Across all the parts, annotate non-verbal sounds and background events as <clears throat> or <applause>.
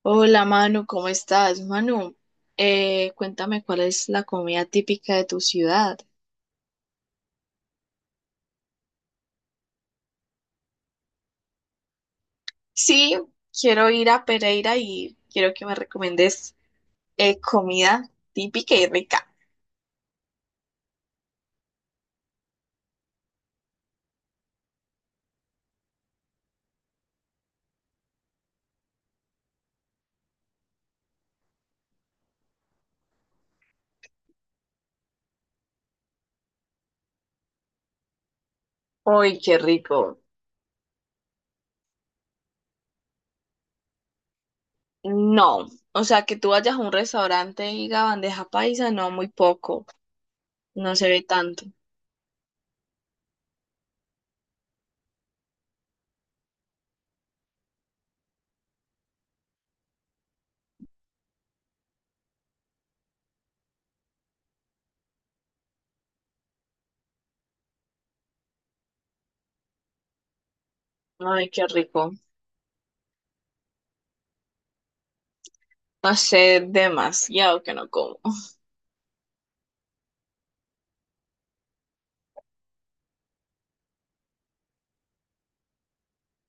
Hola, Manu, ¿cómo estás? Manu, cuéntame cuál es la comida típica de tu ciudad. Sí, quiero ir a Pereira y quiero que me recomiendes comida típica y rica. ¡Ay, qué rico! No, o sea, que tú vayas a un restaurante y diga bandeja paisa, no, muy poco, no se ve tanto. Ay, qué rico. No sé, demasiado que no como.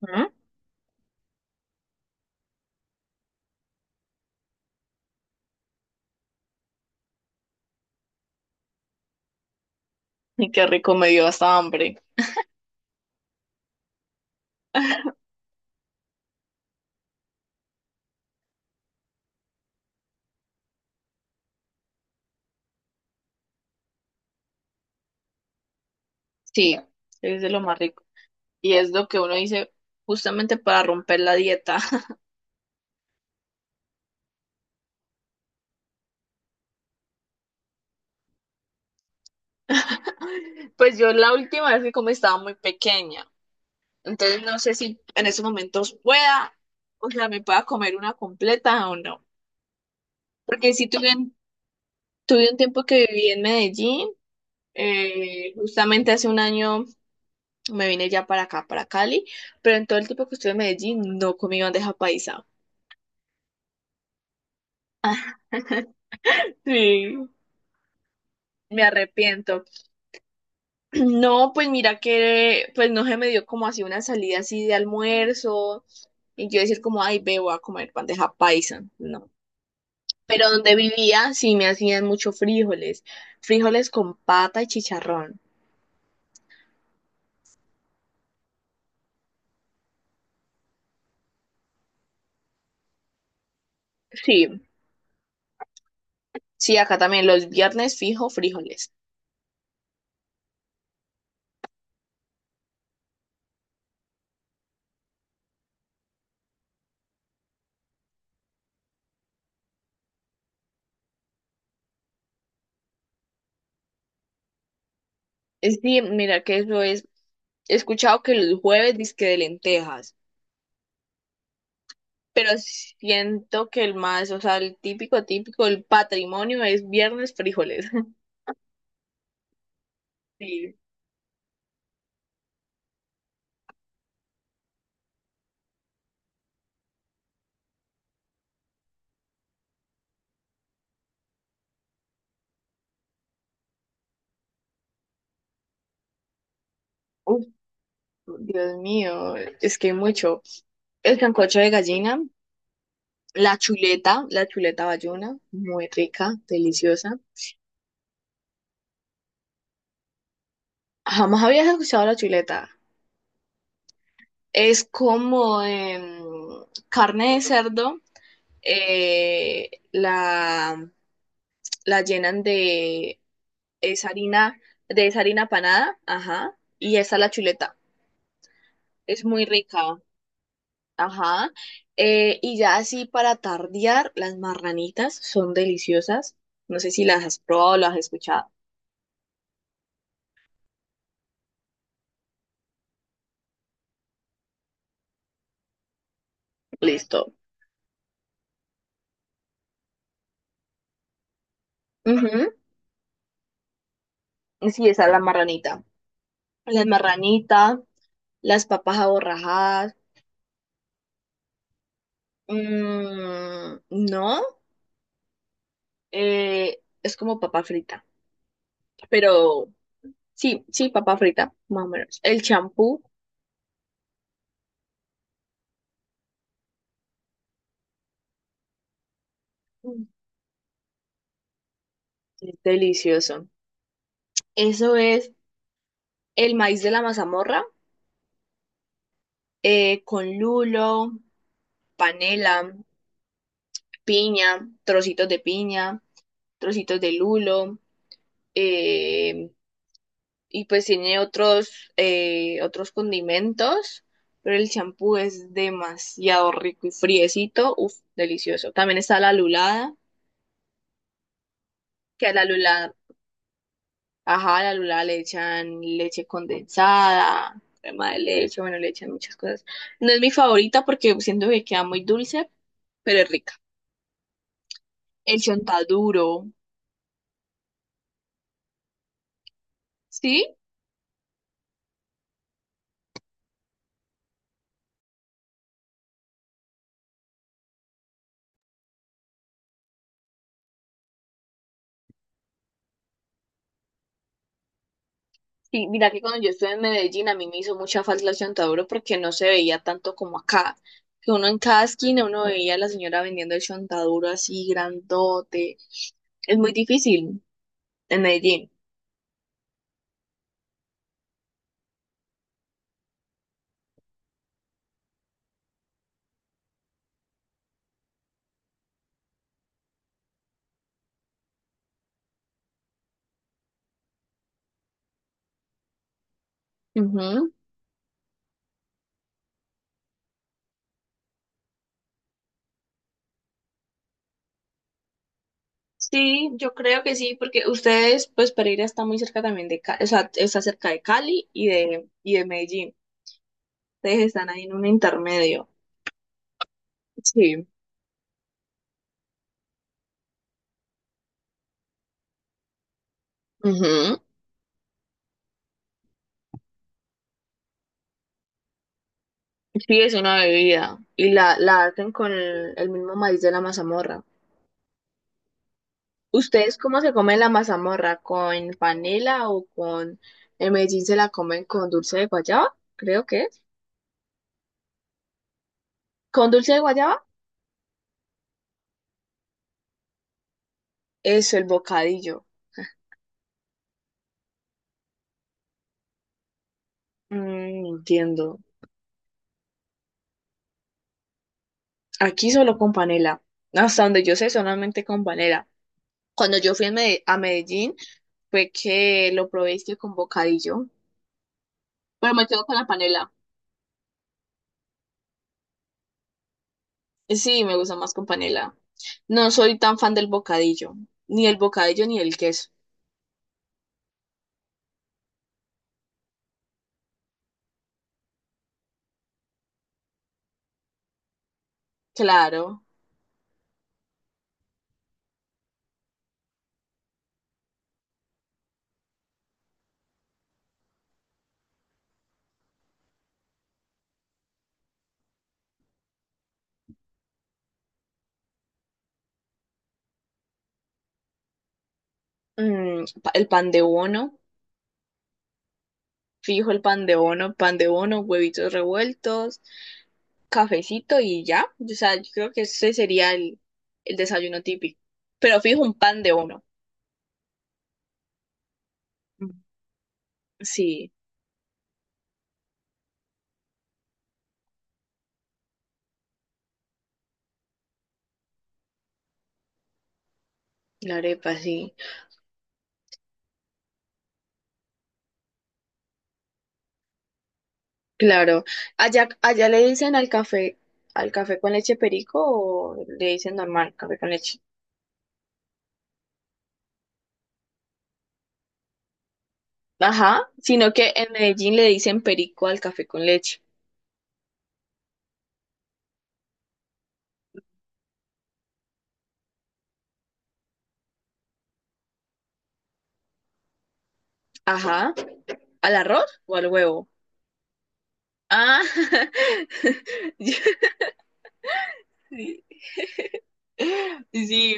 ¿Mm? Y qué rico, me dio hasta hambre. Sí, es de lo más rico. Y es lo que uno dice justamente para romper la dieta. <laughs> Pues yo la última vez que comí estaba muy pequeña. Entonces no sé si en estos momentos pueda, o sea, me pueda comer una completa o no. Porque sí tuve, tuve un tiempo que viví en Medellín. Justamente hace un año me vine ya para acá, para Cali. Pero en todo el tiempo que estuve en Medellín no comí bandeja paisa. <laughs> Sí, me arrepiento. <clears throat> No, pues mira que pues no se me dio como así una salida así de almuerzo y yo decir como, ay, ve, voy a comer bandeja paisa, no. Pero donde vivía sí me hacían mucho frijoles, frijoles con pata y chicharrón. Sí, sí, acá también los viernes fijo frijoles. Es sí, mira que eso es, he escuchado que los jueves disque de lentejas, pero siento que el más, o sea, el típico, típico, el patrimonio es viernes frijoles. <laughs> Sí. Dios mío, es que hay mucho. El sancocho de gallina, la chuleta bayuna, muy rica, deliciosa. Jamás habías escuchado la chuleta. Es como carne de cerdo, eh, la, la llenan esa harina, de esa harina panada, ajá, y esa es la chuleta. Es muy rica. Ajá. Y ya así para tardear, las marranitas son deliciosas. No sé si las has probado o las has escuchado. Listo. Ujú. Sí, esa es la marranita. Las marranitas, las papas aborrajadas. Mm, no, es como papa frita. Pero sí, sí, papa frita, más o menos. El champú, mm, es delicioso. Eso es el maíz de la mazamorra con lulo, panela, piña, trocitos de lulo, eh, y pues tiene otros, otros condimentos, pero el champú es demasiado rico y friecito, uff, delicioso. También está la lulada, que a la lulada, ajá, a la lulada le echan leche condensada, crema de leche, bueno, le echan muchas cosas. No es mi favorita porque siento que queda muy dulce, pero es rica. El chontaduro, ¿sí? Sí, mira que cuando yo estuve en Medellín a mí me hizo mucha falta la chontaduro porque no se veía tanto como acá. Que uno en cada esquina uno veía a la señora vendiendo el chontaduro así grandote. Es muy difícil en Medellín. Ujú. Sí, yo creo que sí, porque ustedes, pues Pereira está muy cerca también de Cali, o sea, está cerca de Cali y de Medellín. Ustedes están ahí en un intermedio. Sí. Ujú. Sí, es una bebida. Y la hacen con el mismo maíz de la mazamorra. ¿Ustedes cómo se comen la mazamorra? ¿Con panela o con... En Medellín se la comen con dulce de guayaba, creo que es. ¿Con dulce de guayaba? Eso, el bocadillo. Mm, entiendo. Aquí solo con panela. Hasta donde yo sé, solamente con panela. Cuando yo fui a a Medellín, fue que lo probé es que con bocadillo. Pero me quedo con la panela. Sí, me gusta más con panela. No soy tan fan del bocadillo. Ni el bocadillo ni el queso. Claro. El pan de bono, fijo el pan de bono, huevitos revueltos, cafecito y ya. O sea, yo creo que ese sería el desayuno típico. Pero fijo un pan de bono. Mm. Sí, la arepa, sí. Claro. Allá, allá le dicen al café con leche perico, o le dicen normal, café con leche. Ajá, sino que en Medellín le dicen perico al café con leche. Ajá, ¿al arroz o al huevo? Ah, <laughs> yo, sí, sí.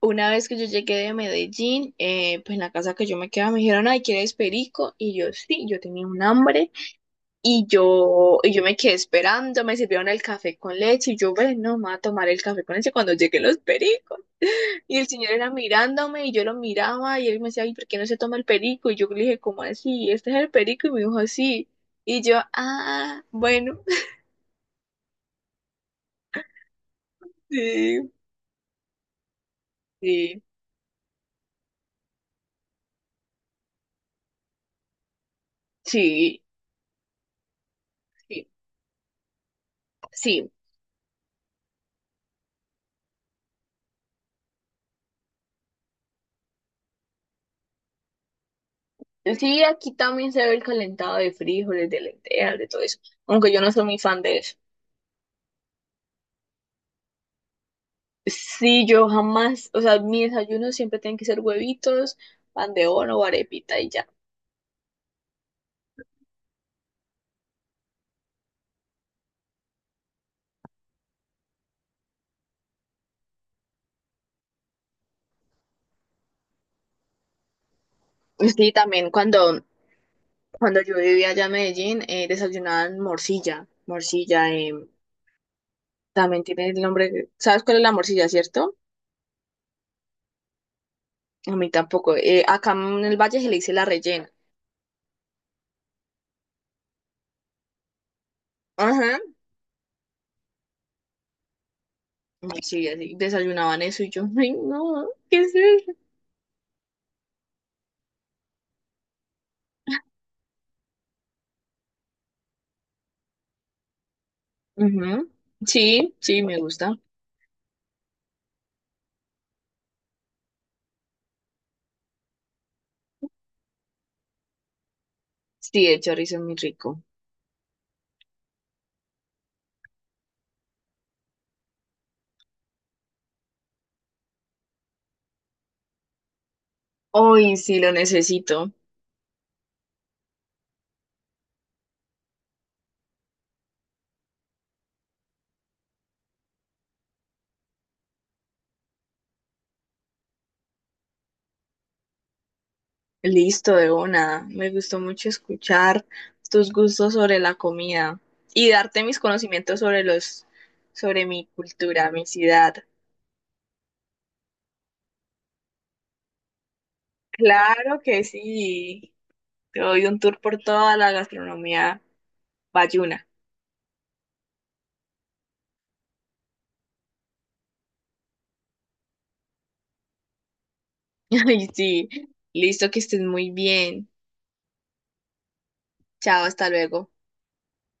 Una vez que yo llegué de Medellín, pues en la casa que yo me quedaba me dijeron, ay, ¿quieres perico? Y yo sí, yo tenía un hambre, y yo me quedé esperando, me sirvieron el café con leche y yo, bueno, me voy a tomar el café con leche cuando lleguen los pericos. Y el señor era mirándome y yo lo miraba y él me decía, ay, ¿por qué no se toma el perico? Y yo le dije, ¿cómo así? ¿Este es el perico? Y me dijo, sí. Y yo, ah, bueno, <laughs> sí, sí, sí, sí. Sí. Sí, aquí también se ve el calentado de frijoles, de lentejas, de todo eso. Aunque yo no soy muy fan de eso. Sí, yo jamás, o sea, mi desayuno siempre tienen que ser huevitos, pan de bono o arepita y ya. Sí, también cuando, cuando yo vivía allá en Medellín, desayunaban morcilla. Morcilla, también tiene el nombre. ¿Sabes cuál es la morcilla, cierto? A mí tampoco. Acá en el valle se le dice la rellena. Ajá. Sí, así desayunaban eso y yo, ay, no, ¿qué es eso? Ujú. Sí, sí, me gusta. Sí, el chorizo es muy rico. Hoy sí lo necesito. Listo, de una. Me gustó mucho escuchar tus gustos sobre la comida y darte mis conocimientos sobre los, sobre mi cultura, mi ciudad. Claro que sí. Te doy un tour por toda la gastronomía bayuna. <laughs> Ay, sí. Listo, que estés muy bien. Chao, hasta luego.